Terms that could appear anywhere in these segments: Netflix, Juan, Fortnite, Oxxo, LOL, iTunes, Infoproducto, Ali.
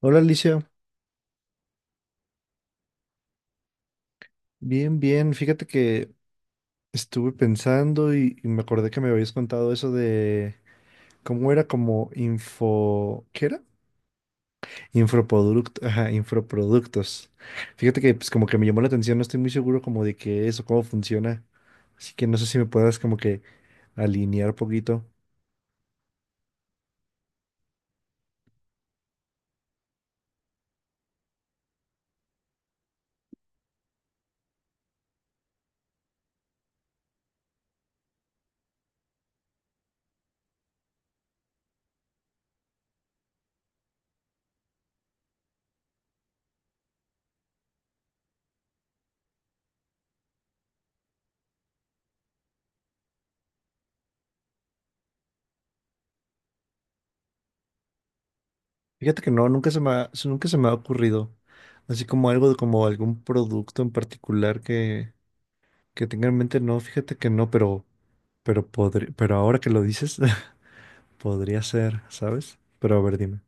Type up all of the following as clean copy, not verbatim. Hola Alicia, bien, bien. Fíjate que estuve pensando y me acordé que me habías contado eso de cómo era como info, ¿qué era? Infoproducto, ajá, infoproductos. Fíjate que pues como que me llamó la atención, no estoy muy seguro como de qué es o cómo funciona. Así que no sé si me puedas como que alinear poquito. Fíjate que no, nunca se me ha ocurrido. Así como algo de como algún producto en particular que tenga en mente, no, fíjate que no, pero pero ahora que lo dices, podría ser, ¿sabes? Pero a ver, dime.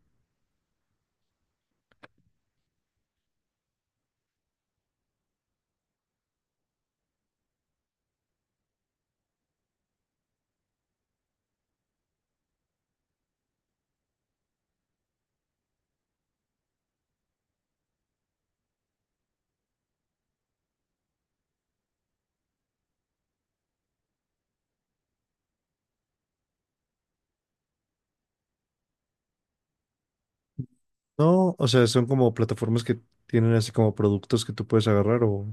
No, o sea, son como plataformas que tienen así como productos que tú puedes agarrar o...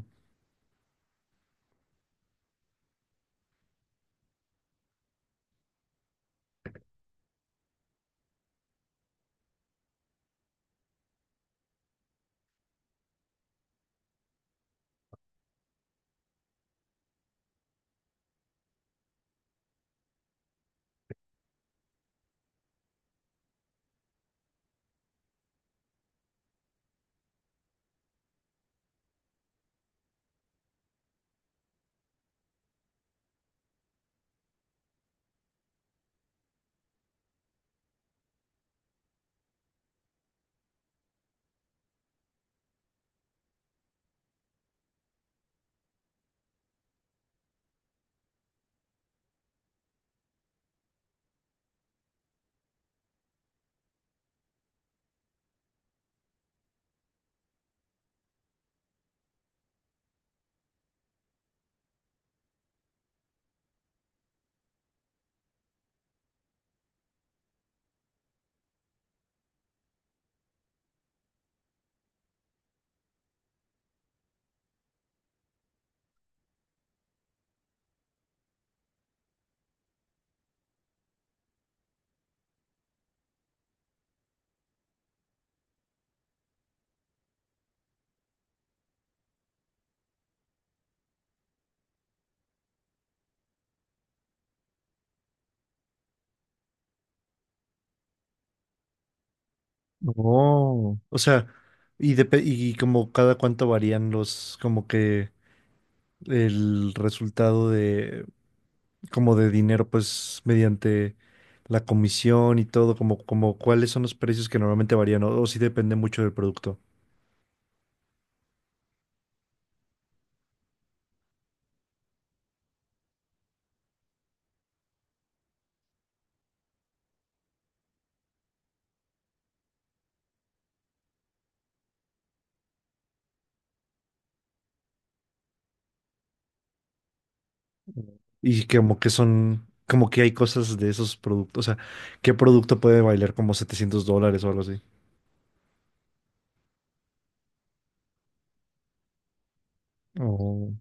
No. O sea, y como cada cuánto varían los, como que el resultado de, como de dinero, pues mediante la comisión y todo, como, como cuáles son los precios que normalmente varían o si depende mucho del producto. Y que como que son, como que hay cosas de esos productos. O sea, ¿qué producto puede valer como $700 o algo así? Oh.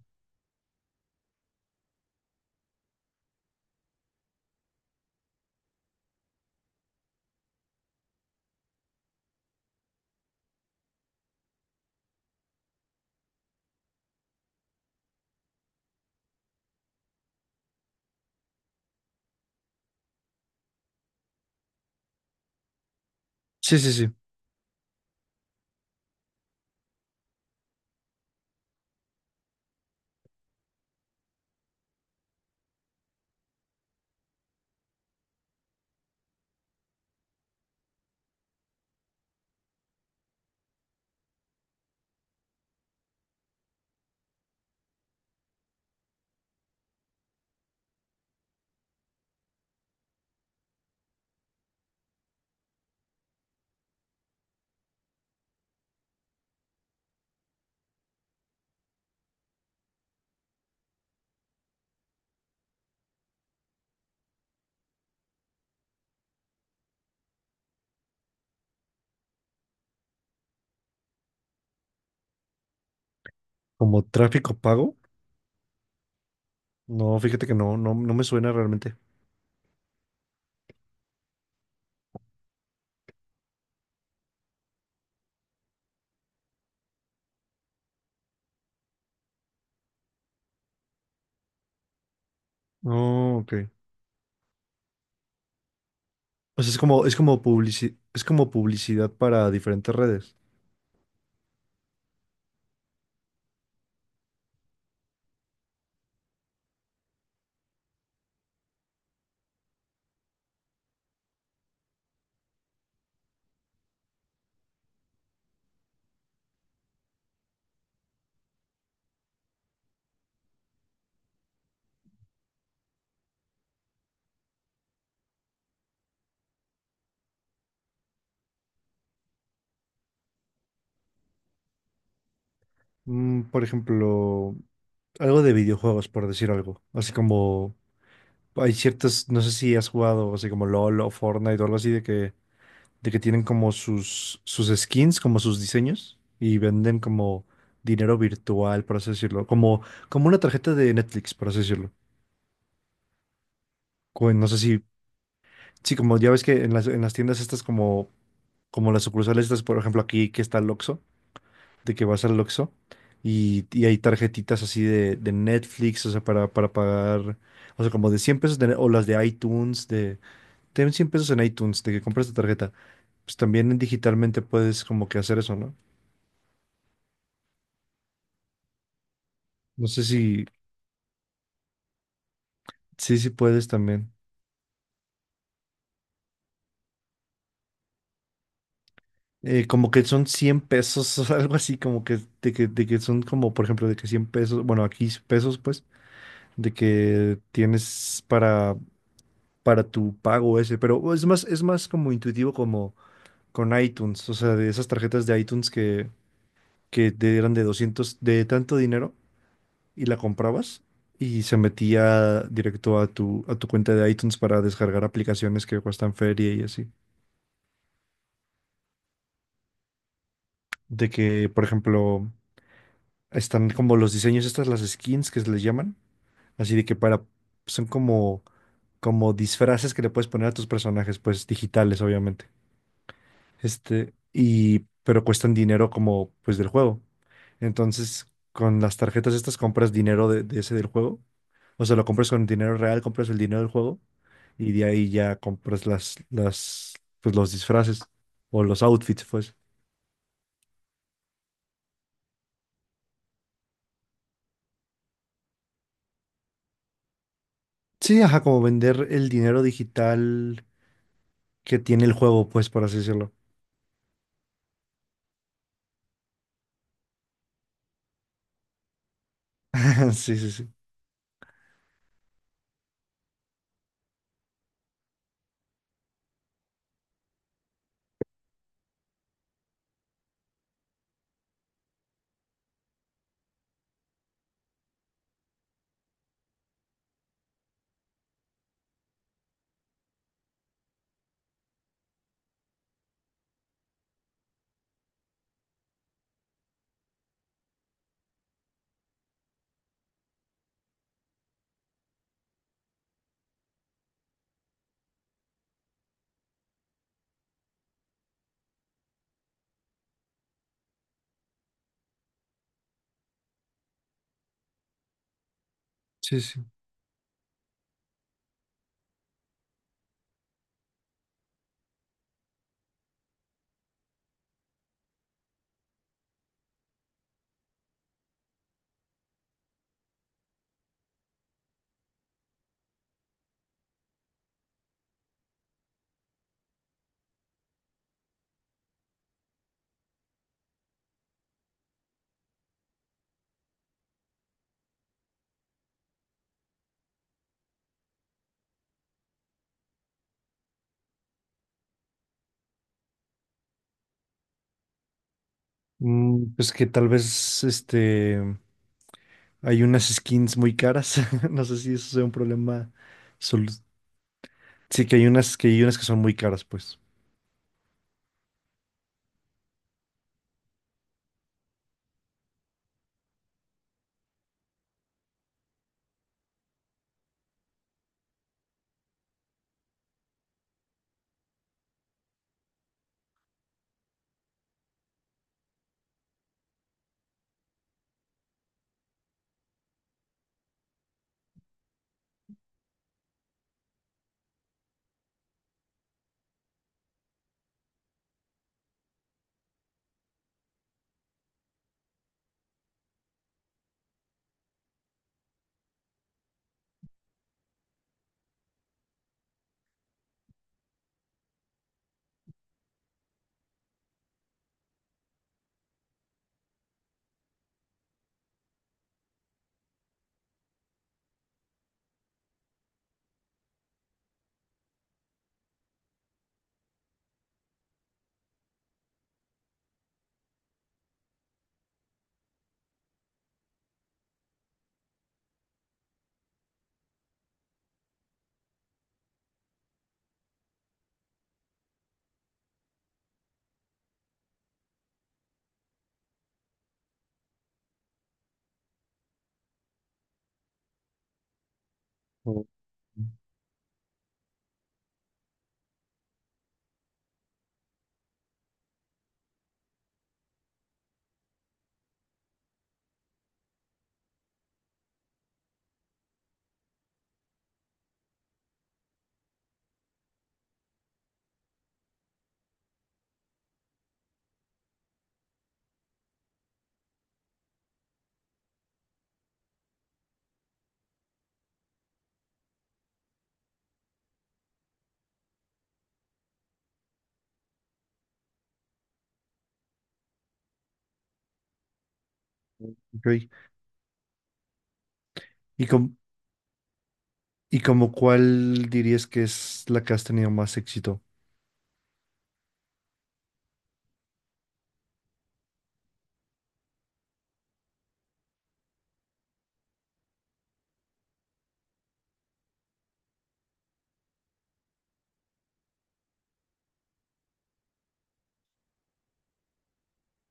Sí, sí, sí. Como tráfico pago. No, fíjate que no, no me suena realmente. Oh, ok. O sea, es como, es como publicidad para diferentes redes. Mm, por ejemplo, algo de videojuegos, por decir algo. Así como hay ciertas, no sé si has jugado así como LOL o Fortnite o algo así de que tienen como sus skins, como sus diseños, y venden como dinero virtual, por así decirlo, como, como una tarjeta de Netflix, por así decirlo. Cu- No sé si, sí, como ya ves que en en las tiendas estas como, como las sucursales estas, por ejemplo, aquí que está el Oxxo, de que vas al Oxxo y hay tarjetitas así de Netflix, o sea, para pagar, o sea, como de 100 pesos, de- o las de iTunes, de, ten 100 pesos en iTunes, de que compras tu tarjeta. Pues también digitalmente puedes como que hacer eso, ¿no? No sé si Sí, sí puedes también. Como que son 100 pesos algo así, como que de que son como, por ejemplo, de que 100 pesos, bueno, aquí pesos, pues, de que tienes para tu pago ese, pero es más como intuitivo como con iTunes, o sea, de esas tarjetas de iTunes que te eran de 200 de tanto dinero y la comprabas y se metía directo a a tu cuenta de iTunes para descargar aplicaciones que cuestan feria y así. De que, por ejemplo... Están como los diseños, estas las skins que se les llaman. Así de que para, son como, como disfraces que le puedes poner a tus personajes, pues digitales, obviamente. Este, y, pero cuestan dinero como, pues del juego. Entonces, con las tarjetas estas compras dinero de ese del juego. O sea, lo compras con dinero real, compras el dinero del juego y de ahí ya compras pues los disfraces o los outfits, pues. Sí, ajá, como vender el dinero digital que tiene el juego, pues, por así decirlo. Sí, sí, sí. Sí, sí. Mm, pues que tal vez este hay unas skins muy caras. No sé si eso sea un problema. solu- Sí, que hay unas que son muy caras, pues. Oh, ok. ¿Y com- ¿Y como cuál dirías que es la que has tenido más éxito?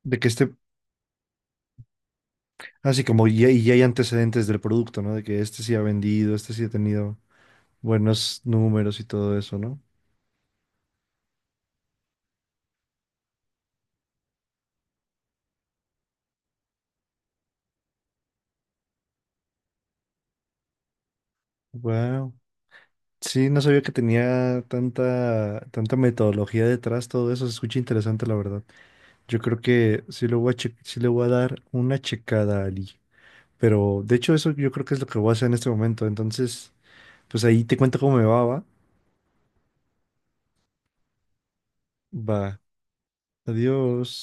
De que este, Así como ya, y ya hay antecedentes del producto, ¿no? De que este sí ha vendido, este sí ha tenido buenos números y todo eso, ¿no? Wow. Sí, no sabía que tenía tanta, tanta metodología detrás, todo eso se escucha interesante, la verdad. Yo creo que sí le voy a dar una checada a Ali. Pero de hecho eso yo creo que es lo que voy a hacer en este momento. Entonces, pues ahí te cuento cómo me va, va. Va. Adiós.